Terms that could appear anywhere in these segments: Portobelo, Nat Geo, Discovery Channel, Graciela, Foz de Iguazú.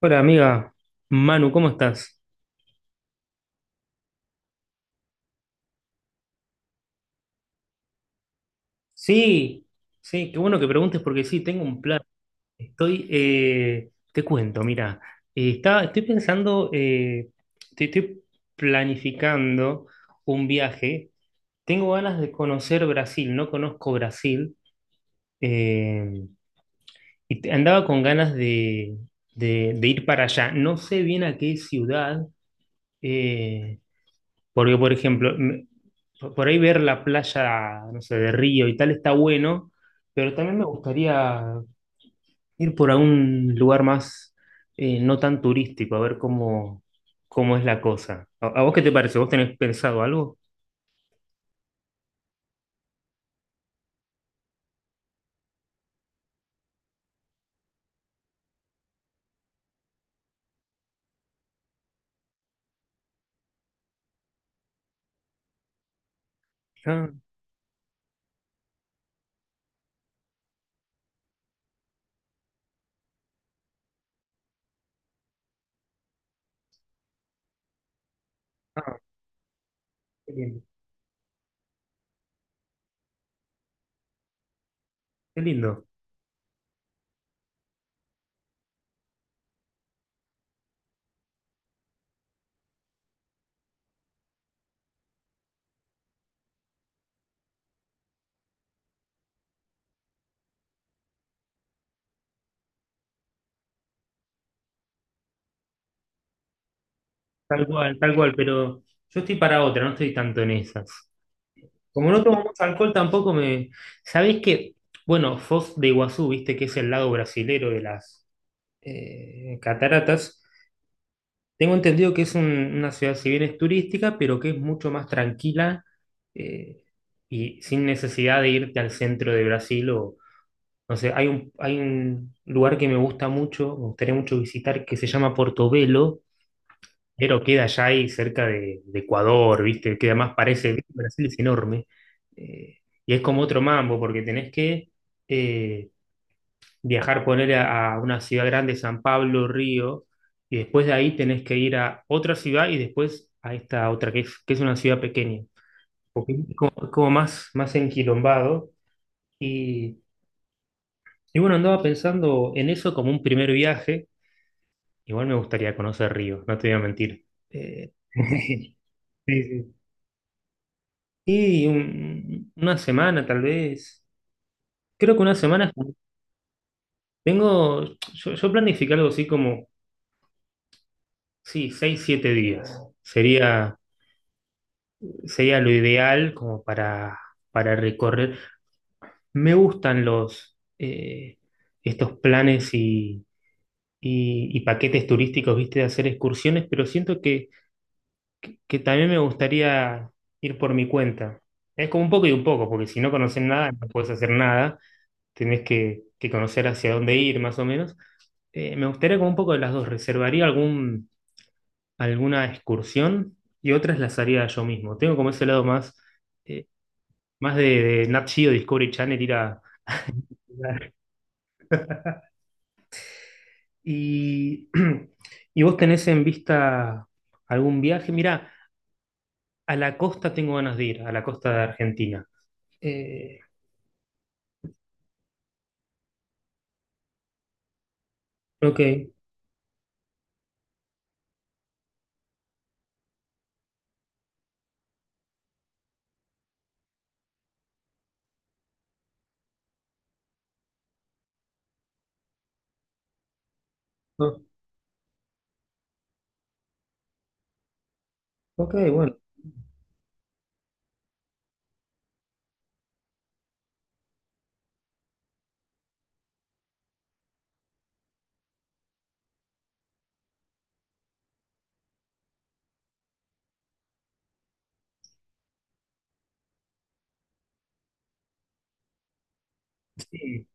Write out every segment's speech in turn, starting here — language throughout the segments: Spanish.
Hola amiga, Manu, ¿cómo estás? Sí, sí, qué bueno que preguntes porque sí, tengo un plan. Estoy, te cuento, mira, estoy pensando, estoy planificando un viaje. Tengo ganas de conocer Brasil, no conozco Brasil, eh, y andaba con ganas de ir para allá. No sé bien a qué ciudad, eh, Porque, por ejemplo, por ahí ver la playa, no sé, de Río y tal está bueno, pero también me gustaría ir por algún lugar más no tan turístico, a ver cómo es la cosa. ¿A vos qué te parece? ¿Vos tenés pensado algo? Ah, ah, qué lindo, qué lindo. Tal cual, pero yo estoy para otra, no estoy tanto en esas. Como no tomo mucho alcohol tampoco me... ¿Sabés qué? Bueno, Foz de Iguazú, viste que es el lado brasilero de las cataratas. Tengo entendido que es una ciudad, si bien es turística, pero que es mucho más tranquila eh, y sin necesidad de irte al centro de Brasil o, no sé, hay un, lugar que me gusta mucho, me gustaría mucho visitar, que se llama Portobelo, pero queda allá ahí cerca de Ecuador, ¿viste? Que además parece, Brasil es enorme. eh, y es como otro mambo, porque tenés que... eh, viajar, poner a una ciudad grande, San Pablo, Río, y después de ahí tenés que ir a otra ciudad y después a esta otra, que es, una ciudad pequeña, porque es como más enquilombado. Y, y bueno, andaba pensando en eso como un primer viaje. Igual me gustaría conocer Río, no te voy a mentir. Eh, sí, sí. Y una semana tal vez. Creo que una semana. Es como- Tengo, yo planifiqué algo así como, sí, 6, 7 días. Sería lo ideal como para recorrer. Me gustan los estos planes y paquetes turísticos, viste, de hacer excursiones, pero siento que también me gustaría ir por mi cuenta. Es como un poco y un poco, porque si no conoces nada, no puedes hacer nada, tenés que conocer hacia dónde ir, más o menos. Me gustaría como un poco de las dos. Reservaría alguna excursión y otras las haría yo mismo. Tengo como ese lado más eh, más de Nat Geo, Discovery Channel, ir a... Y, y vos tenés en vista algún viaje. Mirá, a la costa tengo ganas de ir, a la costa de Argentina. Eh, ok, o- ok, bueno, sí,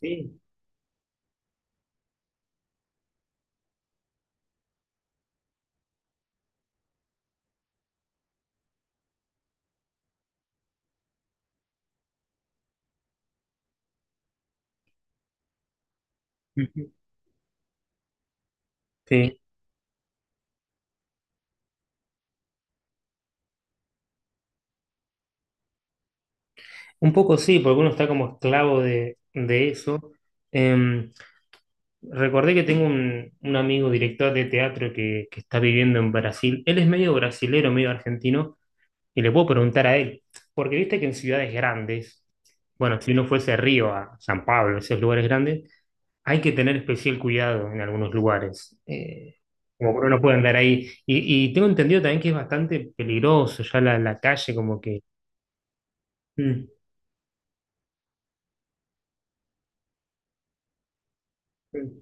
sí. Ujú. Sí, un poco sí, porque uno está como esclavo de eso. Em, recordé que tengo un amigo director de teatro que está viviendo en Brasil. Él es medio brasilero, medio argentino, y le puedo preguntar a él, porque viste que en ciudades grandes, bueno, si uno fuese a Río, a San Pablo, esos lugares grandes, hay que tener especial cuidado en algunos lugares. Como que uno puede andar ahí. Y tengo entendido también que es bastante peligroso ya la calle, como que. Mm, mm,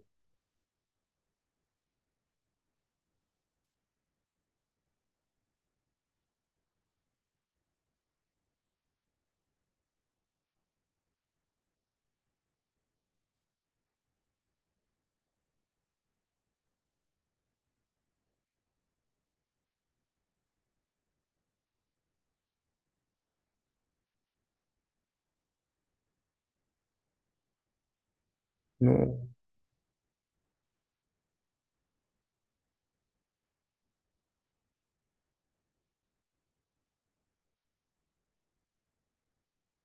no,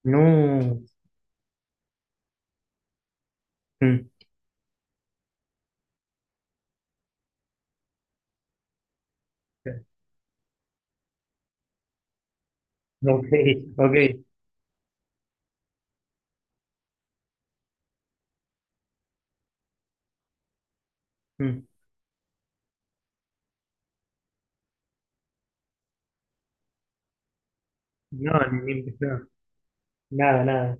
no. Mm, ok, ok. Mm, no, no, nada, nada.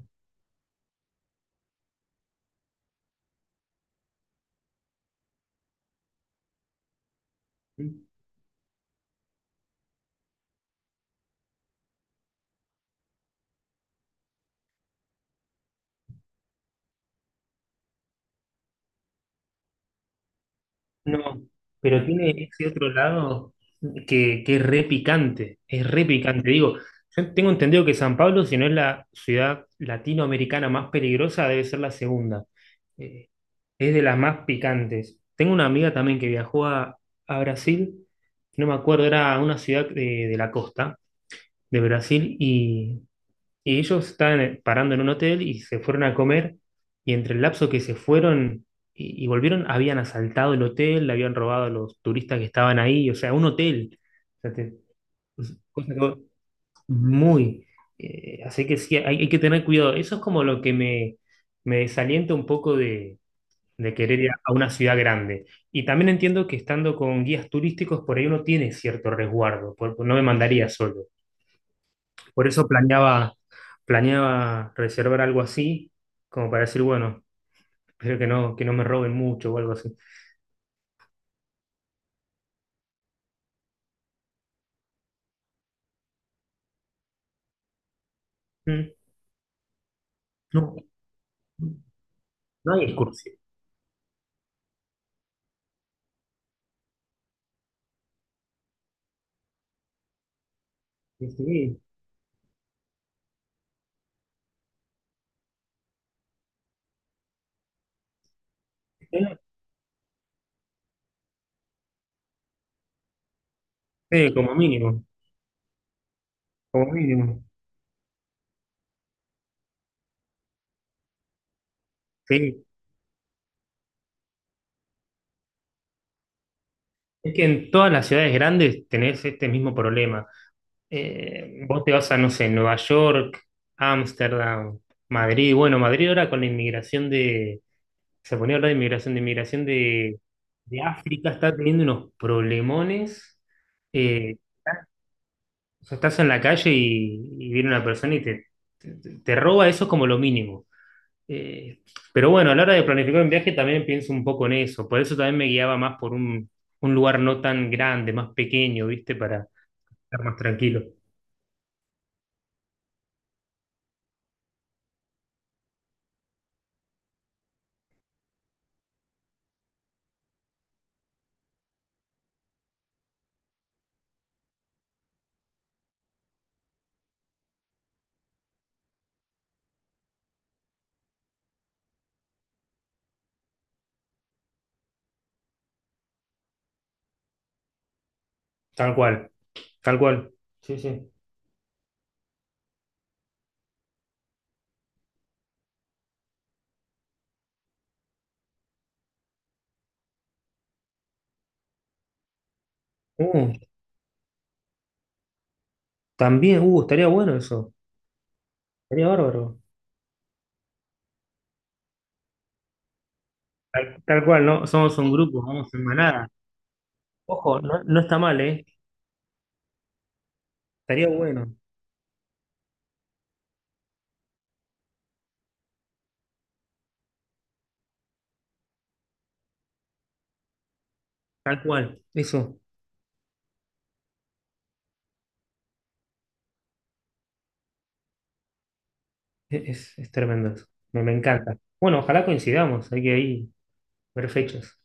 Mm. No, pero tiene ese otro lado que es re picante, es re picante. Digo, yo tengo entendido que San Pablo, si no es la ciudad latinoamericana más peligrosa, debe ser la segunda. Eh, es de las más picantes. Tengo una amiga también que viajó a Brasil, no me acuerdo, era una ciudad de la costa de Brasil y ellos estaban parando en un hotel y se fueron a comer. Y entre el lapso que se fueron y volvieron, habían asaltado el hotel, le habían robado a los turistas que estaban ahí. O sea, un hotel. O sea, cosa que vos- muy. Así que sí, hay que tener cuidado. Eso es como lo que me desalienta un poco de querer ir a una ciudad grande. Y también entiendo que estando con guías turísticos, por ahí uno tiene cierto resguardo. No me mandaría solo. Por eso planeaba, reservar algo así, como para decir, bueno, espero que no me roben mucho o algo así. Mm. No, no hay excursión. Sí, sí, como mínimo, como mínimo. Sí. Es que en todas las ciudades grandes tenés este mismo problema. Vos te vas a, no sé, Nueva York, Ámsterdam, Madrid. Bueno, Madrid ahora con la inmigración de, se ponía a hablar de inmigración de África, está teniendo unos problemones. Eh, o sea, estás en la calle y viene una persona y te, te roba eso es como lo mínimo. Eh, pero bueno, a la hora de planificar un viaje también pienso un poco en eso. Por eso también me guiaba más por un lugar no tan grande, más pequeño, ¿viste? Para estar más tranquilo. Tal cual, tal cual. Sí, sí. Uh, también, estaría bueno eso. Estaría bárbaro. Tal cual, ¿no? Somos un grupo, vamos en manada. Ojo, no, no está mal, ¿eh? Estaría bueno, tal cual. Eso es tremendo. Eso. Me encanta. Bueno, ojalá coincidamos. Hay que ahí ver fechas.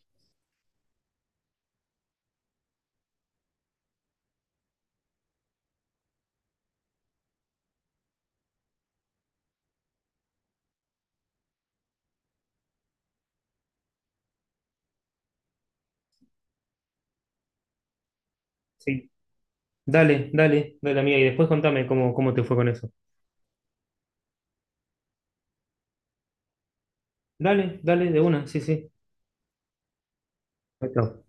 Sí. Dale, dale, dale, amiga. Y después contame cómo te fue con eso. Dale, dale, de una. Sí, sí. Perfecto.